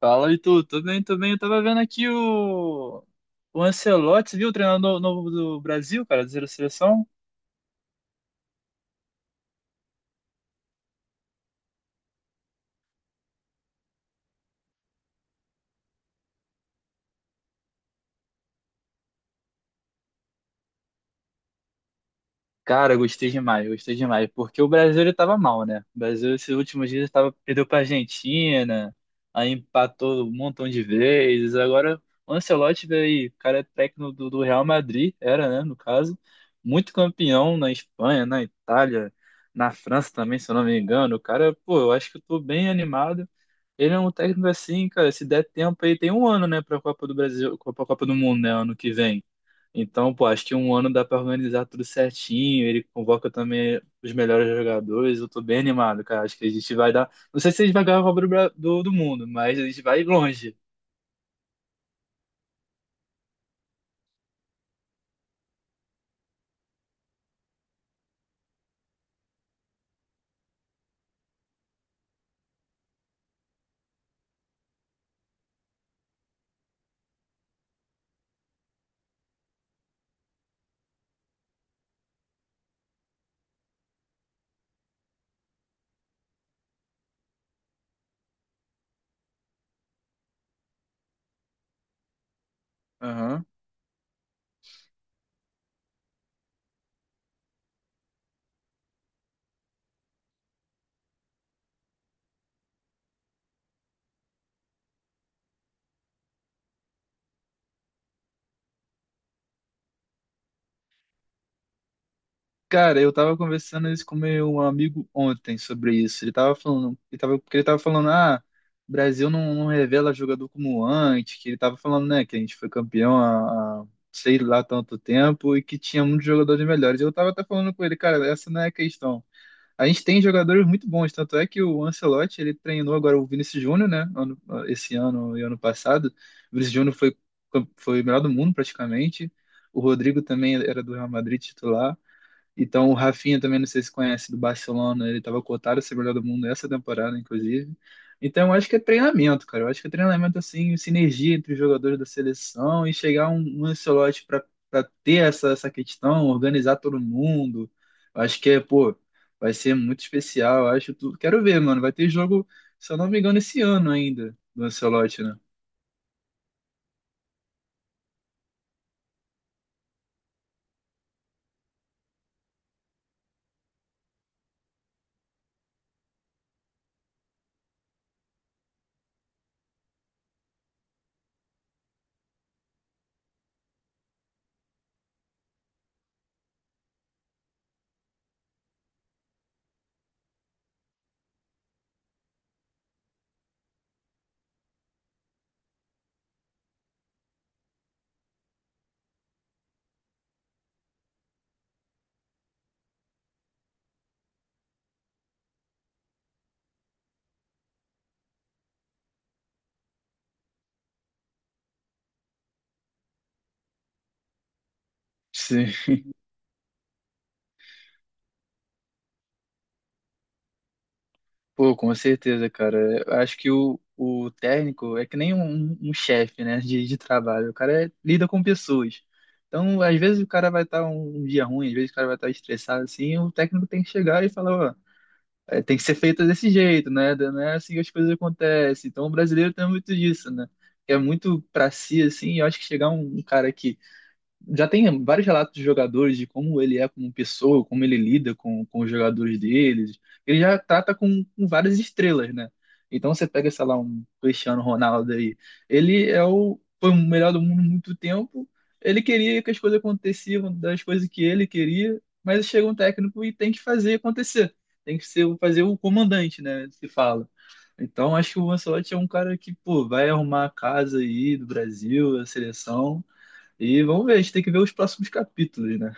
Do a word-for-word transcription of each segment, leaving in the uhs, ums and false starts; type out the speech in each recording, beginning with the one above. Fala, Itu. Tudo bem, tudo bem. Eu tava vendo aqui o, o Ancelotti, viu? O treinador novo do Brasil, cara, da seleção. Cara, gostei demais, gostei demais. Porque o Brasil, ele tava mal, né? O Brasil, esses últimos dias, tava, perdeu pra Argentina, aí empatou um montão de vezes. Agora, o Ancelotti veio, aí, o cara é técnico do, do Real Madrid, era, né, no caso. Muito campeão na Espanha, na Itália, na França também, se eu não me engano. O cara, pô, eu acho que eu tô bem animado. Ele é um técnico assim, cara, se der tempo aí, tem um ano, né, pra Copa do Brasil, pra Copa do Mundo, né, ano que vem. Então, pô, acho que um ano dá pra organizar tudo certinho, ele convoca também os melhores jogadores, eu tô bem animado, cara, acho que a gente vai dar, não sei se a gente vai ganhar a Copa do, Bra- do, do Mundo, mas a gente vai longe. Aham. Cara, eu tava conversando isso com meu amigo ontem sobre isso. Ele tava falando, ele tava, porque ele tava falando, ah, o Brasil não, não revela jogador como antes, que ele tava falando, né, que a gente foi campeão há, há sei lá tanto tempo e que tinha muitos jogadores melhores. Eu tava até falando com ele, cara, essa não é a questão. A gente tem jogadores muito bons, tanto é que o Ancelotti, ele treinou agora o Vinícius Júnior, né, ano- esse ano e ano passado. O Vinícius Júnior foi, foi o melhor do mundo praticamente. O Rodrigo também era do Real Madrid titular. Então, o Rafinha também, não sei se conhece, do Barcelona, ele estava cotado a ser melhor do mundo essa temporada, inclusive. Então, eu acho que é treinamento, cara. Eu acho que é treinamento, assim, sinergia entre os jogadores da seleção e chegar um, um Ancelotti para ter essa, essa questão, organizar todo mundo. Eu acho que é, pô, vai ser muito especial. Eu acho tudo. Quero ver, mano. Vai ter jogo, se eu não me engano, esse ano ainda, do Ancelotti, né? Sim. Pô, com certeza, cara. Eu acho que o, o técnico é que nem um, um um chefe, né, de, de trabalho. O cara é- lida com pessoas. Então, às vezes o cara vai estar um um dia ruim, às vezes o cara vai estar estressado, assim, e o técnico tem que chegar e falar, ó, é, tem que ser feita desse jeito, né? Não é assim que as coisas acontecem. Então, o brasileiro tem muito disso, né? É muito pra si, assim, e eu acho que chegar um, um cara que já tem vários relatos de jogadores de como ele é como pessoa, como ele lida com, com os jogadores deles. Ele já trata com, com várias estrelas, né? Então você pega, sei lá, um Cristiano Ronaldo aí. Ele é o, foi o melhor do mundo há muito tempo. Ele queria que as coisas aconteciam das coisas que ele queria, mas chega um técnico e tem que fazer acontecer. Tem que ser, o- fazer o comandante, né? Se fala. Então acho que o Ancelotti é um cara que, pô, vai arrumar a casa aí do Brasil, a seleção e vamos ver, a gente tem que ver os próximos capítulos, né?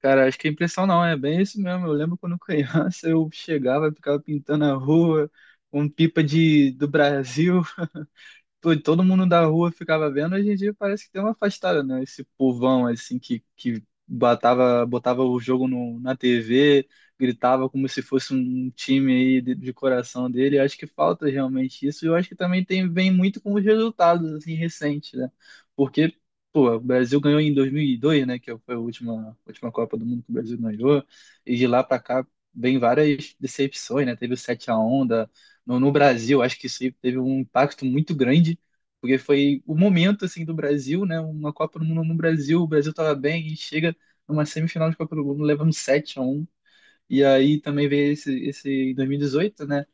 Cara, acho que a impressão não, é bem isso mesmo. Eu lembro quando criança eu chegava, ficava pintando a rua com pipa de, do Brasil. Pô, todo mundo da rua ficava vendo, hoje em dia parece que tem uma afastada, né? Esse povão, assim, que, que batava botava o jogo no, na T V, gritava como se fosse um time aí de, de coração dele. Eu acho que falta realmente isso. E eu acho que também tem, vem muito com os resultados, assim, recentes, né? Porque, pô, o Brasil ganhou em dois mil e dois, né? Que foi a última, última Copa do Mundo que o Brasil ganhou. E de lá pra cá vem várias decepções, né? Teve o sete a um no, no Brasil, acho que isso aí teve um impacto muito grande, porque foi o momento assim do Brasil, né? Uma Copa do Mundo no Brasil, o Brasil estava bem e chega numa semifinal de Copa do Mundo levando sete a um. E aí também veio esse esse em dois mil e dezoito, né,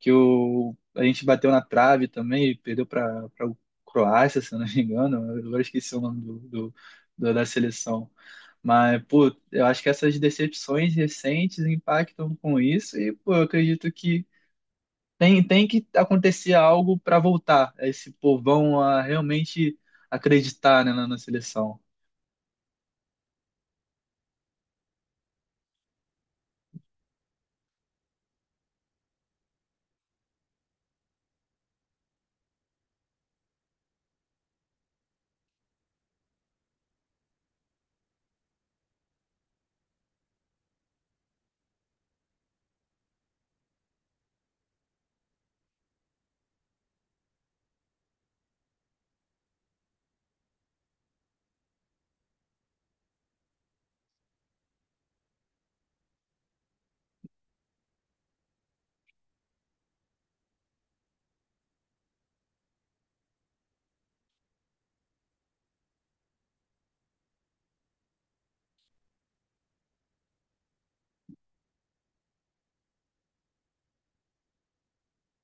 que o a gente bateu na trave também, perdeu para para Croácia, se eu não me engano, agora eu esqueci o nome do, do- do- da seleção. Mas, pô, eu acho que essas decepções recentes impactam com isso, e, pô, eu acredito que tem, tem que acontecer algo para voltar esse povão a realmente acreditar, né, na, na seleção.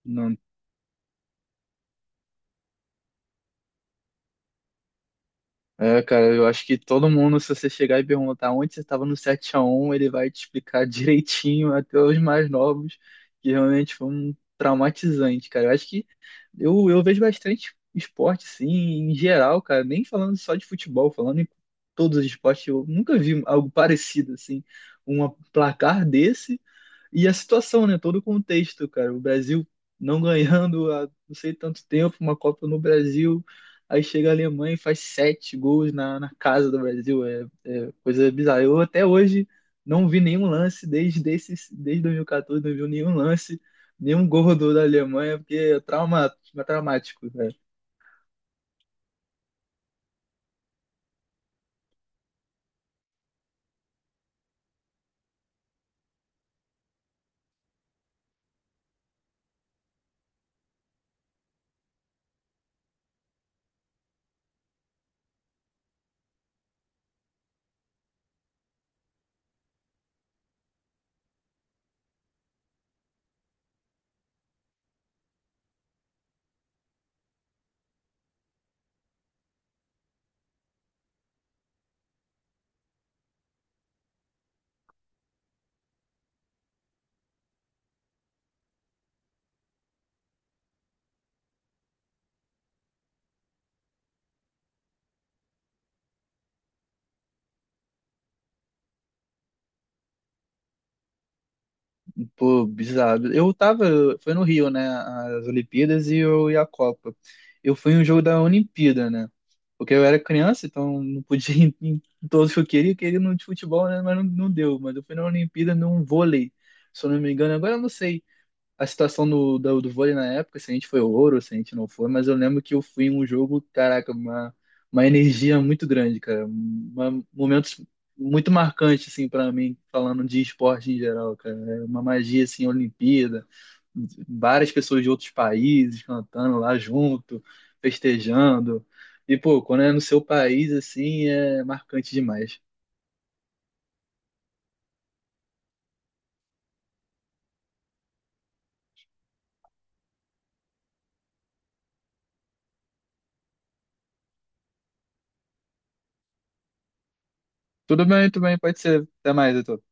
Não, é, cara, eu acho que todo mundo, se você chegar e perguntar onde você estava no sete a um ele vai te explicar direitinho, até os mais novos, que realmente foi um traumatizante, cara. Eu acho que eu, eu vejo bastante esporte, sim, em geral, cara, nem falando só de futebol, falando em todos os esportes, eu nunca vi algo parecido, assim, um placar desse. E a situação, né? Todo o contexto, cara. O Brasil não ganhando há não sei tanto tempo, uma Copa no Brasil. Aí chega a Alemanha e faz sete gols na, na casa do Brasil. É, é coisa bizarra. Eu até hoje não vi nenhum lance desde, esses, desde dois mil e catorze, não vi nenhum lance, nenhum gol do da Alemanha, porque é trauma, traumático, né? Pô, bizarro. Eu tava, foi no Rio, né? As Olimpíadas e, eu, e a Copa. Eu fui em um jogo da Olimpíada, né? Porque eu era criança, então não podia ir em todos que eu queria. Eu queria no de futebol, né? Mas não, não deu. Mas eu fui na Olimpíada num vôlei, se eu não me engano. Agora eu não sei a situação do, do, do vôlei na época, se a gente foi ouro, se a gente não foi, mas eu lembro que eu fui em um jogo, caraca, uma, uma energia muito grande, cara. Uma, momentos muito marcantes, assim, para mim, falando de esporte em geral, cara. É uma magia, assim, Olimpíada, várias pessoas de outros países cantando lá junto, festejando. E, pô, quando é no seu país, assim, é marcante demais. Tudo bem, tudo bem, pode ser. Até mais, Heitor.